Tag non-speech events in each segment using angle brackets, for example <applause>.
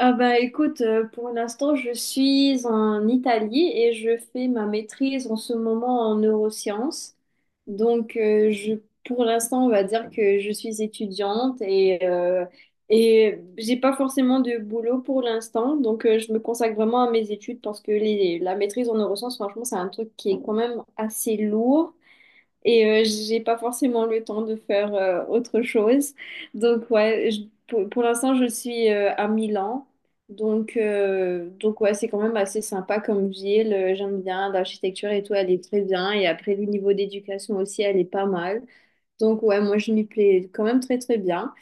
Ah bah écoute, pour l'instant, je suis en Italie et je fais ma maîtrise en ce moment en neurosciences. Donc, pour l'instant, on va dire que je suis étudiante et j'ai pas forcément de boulot pour l'instant. Donc, je me consacre vraiment à mes études parce que la maîtrise en neurosciences, franchement, c'est un truc qui est quand même assez lourd et j'ai pas forcément le temps de faire autre chose. Donc ouais, pour l'instant je suis à Milan. Donc ouais, c'est quand même assez sympa comme ville. J'aime bien l'architecture et tout, elle est très bien. Et après, le niveau d'éducation aussi, elle est pas mal. Donc ouais, moi, je m'y plais quand même très très bien.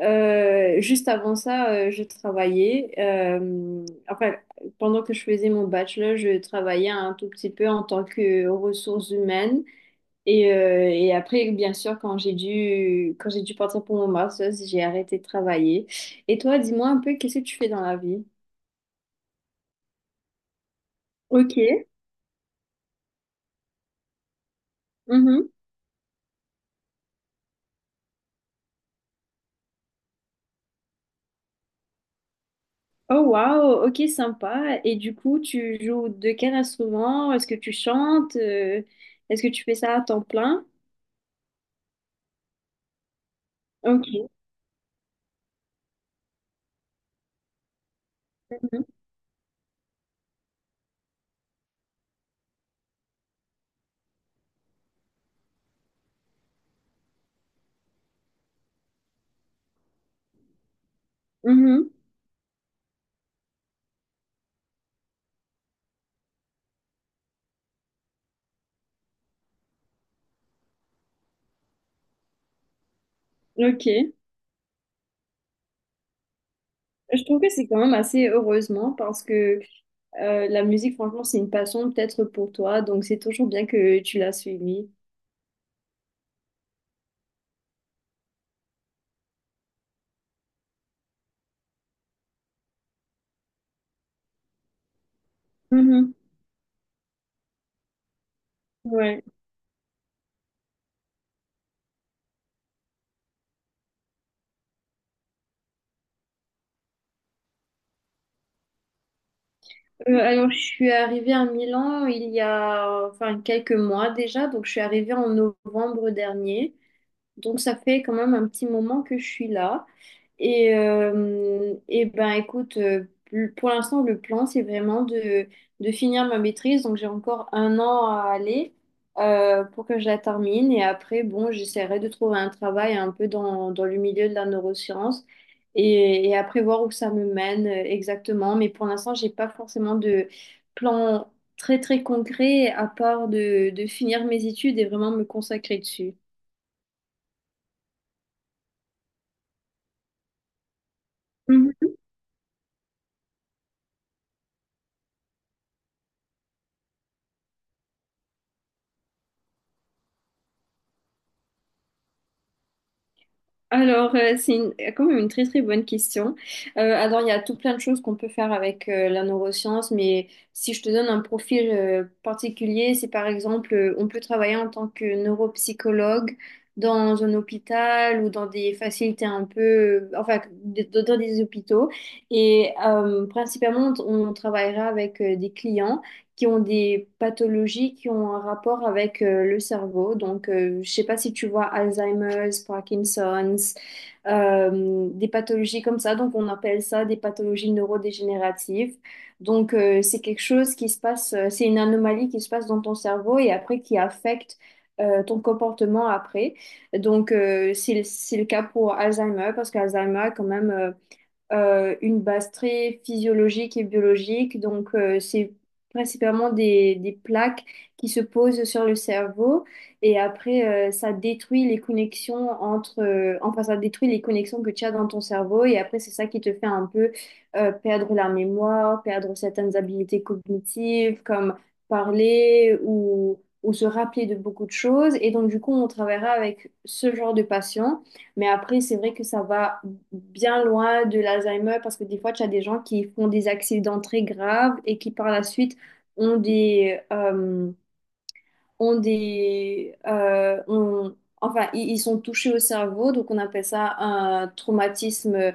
Juste avant ça, je travaillais. Pendant que je faisais mon bachelor, je travaillais un tout petit peu en tant que ressources humaines. Et après, bien sûr, quand j'ai dû partir pour mon master's, j'ai arrêté de travailler. Et toi, dis-moi un peu, qu'est-ce que tu fais dans la vie? Ok. Mhm. Oh, wow. Ok, sympa. Et du coup, tu joues de quel instrument? Est-ce que tu chantes? Est-ce que tu fais ça à temps plein? Ok. Mhm. Mhm. Ok. Je trouve que c'est quand même assez heureusement parce que la musique, franchement, c'est une passion peut-être pour toi. Donc, c'est toujours bien que tu l'as suivie. Mhm. Ouais. Alors, je suis arrivée à Milan il y a enfin quelques mois déjà, donc je suis arrivée en novembre dernier. Donc ça fait quand même un petit moment que je suis là. Et ben écoute, pour l'instant, le plan, c'est vraiment de finir ma maîtrise. Donc j'ai encore un an à aller pour que je la termine. Et après, bon, j'essaierai de trouver un travail un peu dans le milieu de la neuroscience et après voir où ça me mène exactement. Mais pour l'instant, j'ai pas forcément de plan très très concret à part de finir mes études et vraiment me consacrer dessus. Alors, quand même une très très bonne question. Alors, il y a tout plein de choses qu'on peut faire avec la neuroscience, mais si je te donne un profil particulier, c'est par exemple, on peut travailler en tant que neuropsychologue dans un hôpital ou dans des facilités un peu, dans des hôpitaux. Et principalement, on travaillera avec des clients qui ont des pathologies qui ont un rapport avec le cerveau. Donc, je sais pas si tu vois Alzheimer's, Parkinson's, des pathologies comme ça. Donc, on appelle ça des pathologies neurodégénératives. Donc, c'est quelque chose qui se passe, c'est une anomalie qui se passe dans ton cerveau et après qui affecte ton comportement après. Donc, c'est le cas pour Alzheimer parce qu'Alzheimer, quand même, une base très physiologique et biologique. Donc, c'est principalement des plaques qui se posent sur le cerveau et après, ça détruit les connexions entre, ça détruit les connexions que tu as dans ton cerveau et après, c'est ça qui te fait un peu perdre la mémoire, perdre certaines habilités cognitives comme parler, ou se rappeler de beaucoup de choses. Et donc, du coup, on travaillera avec ce genre de patients. Mais après, c'est vrai que ça va bien loin de l'Alzheimer parce que des fois, tu as des gens qui font des accidents très graves et qui par la suite ont des, euh, ont des, ont- enfin, ils sont touchés au cerveau, donc on appelle ça un traumatisme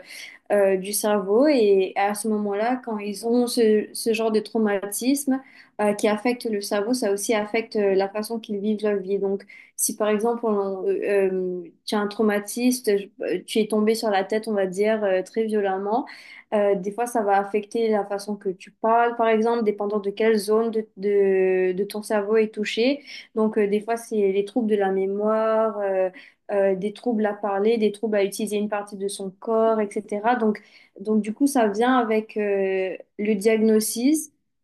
du cerveau. Et à ce moment-là, quand ils ont ce genre de traumatisme qui affecte le cerveau, ça aussi affecte la façon qu'ils vivent leur vie. Donc, si par exemple, tu as un traumatiste, tu es tombé sur la tête, on va dire, très violemment, des fois, ça va affecter la façon que tu parles, par exemple, dépendant de quelle zone de ton cerveau est touchée. Donc, des fois, c'est les troubles de la mémoire. Des troubles à parler, des troubles à utiliser une partie de son corps, etc. Donc du coup, ça vient avec le diagnostic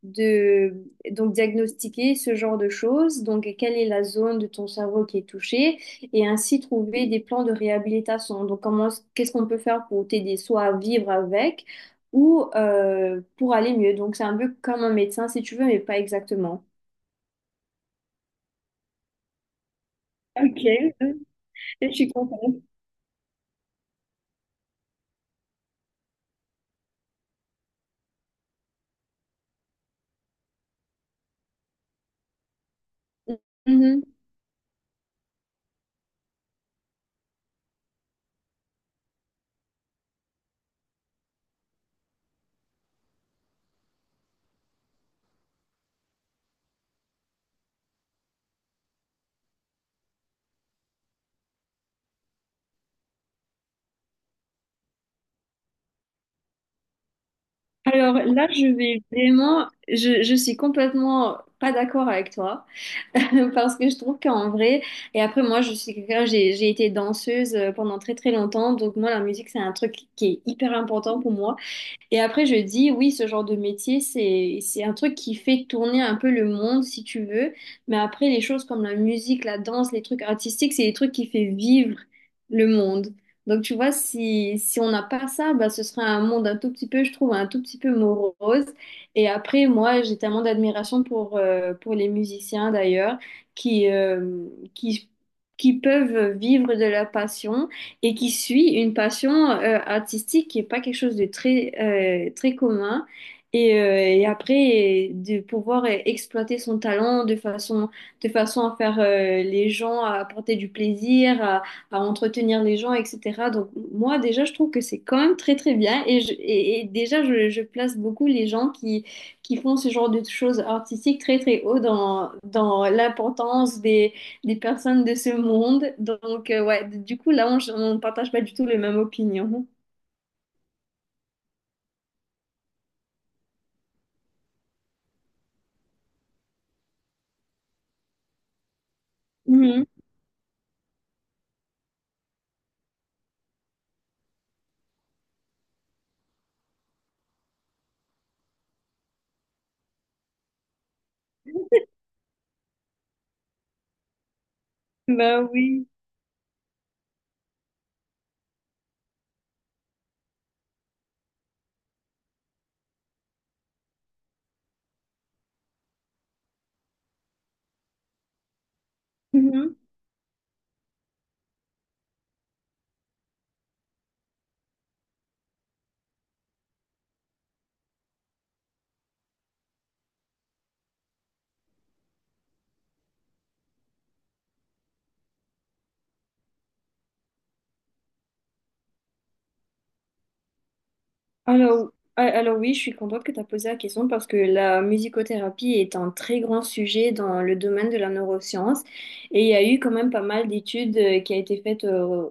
de donc diagnostiquer ce genre de choses. Donc, quelle est la zone de ton cerveau qui est touchée et ainsi trouver des plans de réhabilitation. Donc, comment, qu'est-ce qu'on peut faire pour t'aider soit à vivre avec ou pour aller mieux. Donc, c'est un peu comme un médecin si tu veux, mais pas exactement. Ok, je suis contente. Mhm. Alors là, je vais vraiment, je suis complètement pas d'accord avec toi <laughs> parce que je trouve qu'en vrai, et après moi, je suis quelqu'un, j'ai été danseuse pendant très très longtemps, donc moi, la musique, c'est un truc qui est hyper important pour moi. Et après, je dis, oui, ce genre de métier, c'est un truc qui fait tourner un peu le monde, si tu veux. Mais après, les choses comme la musique, la danse, les trucs artistiques, c'est des trucs qui fait vivre le monde. Donc, tu vois, si on n'a pas ça, bah, ce serait un monde un tout petit peu, je trouve, un tout petit peu morose. Et après, moi, j'ai tellement d'admiration pour les musiciens, d'ailleurs, qui, euh, qui, qui peuvent vivre de leur passion et qui suit une passion artistique qui n'est pas quelque chose de très commun. Et après, de pouvoir exploiter son talent de façon à faire les gens, à apporter du plaisir, à entretenir les gens, etc. Donc moi, déjà, je trouve que c'est quand même très, très bien. Et déjà, je place beaucoup les gens qui font ce genre de choses artistiques très, très haut dans l'importance des personnes de ce monde. Donc, ouais, du coup, là, on ne partage pas du tout les mêmes opinions. Mhm. Bah oui. Mhm. Alors, alors oui, je suis contente que tu as posé la question parce que la musicothérapie est un très grand sujet dans le domaine de la neuroscience et il y a eu quand même pas mal d'études qui a été faites euh,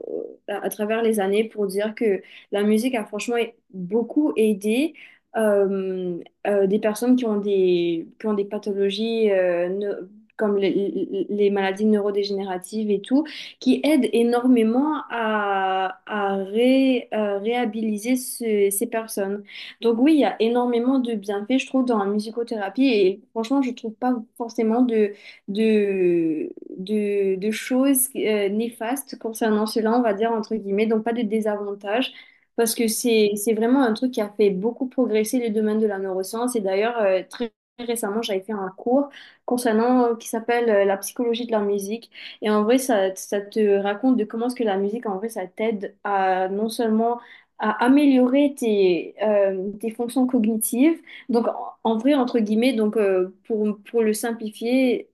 à, à travers les années pour dire que la musique a franchement beaucoup aidé euh, des personnes qui ont des pathologies comme les maladies neurodégénératives et tout qui aide énormément réhabiliter ces personnes. Donc oui, il y a énormément de bienfaits, je trouve, dans la musicothérapie et franchement, je trouve pas forcément de, de choses néfastes concernant cela, on va dire, entre guillemets, donc pas de désavantages. Parce que c'est vraiment un truc qui a fait beaucoup progresser le domaine de la neuroscience. Et d'ailleurs, très récemment, j'avais fait un cours concernant qui s'appelle la psychologie de la musique. Et en vrai, ça te raconte de comment est-ce que la musique, en vrai, ça t'aide à non seulement à améliorer tes fonctions cognitives, donc en vrai, entre guillemets, donc pour le simplifier,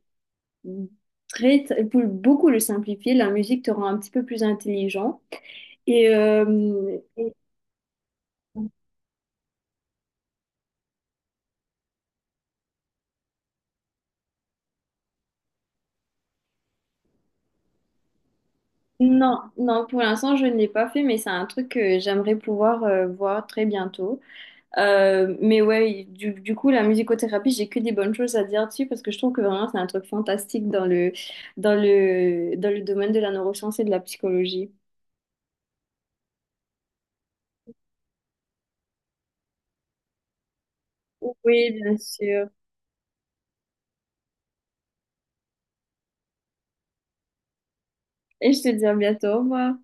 pour beaucoup le simplifier, la musique te rend un petit peu plus intelligent. Et, euh, et- non, non, pour l'instant, je ne l'ai pas fait, mais c'est un truc que j'aimerais pouvoir voir très bientôt. Mais ouais, du coup, la musicothérapie, j'ai que des bonnes choses à dire dessus parce que je trouve que vraiment c'est un truc fantastique dans le, dans le domaine de la neuroscience et de la psychologie. Oui, bien sûr. Et je te dis à bientôt, au revoir.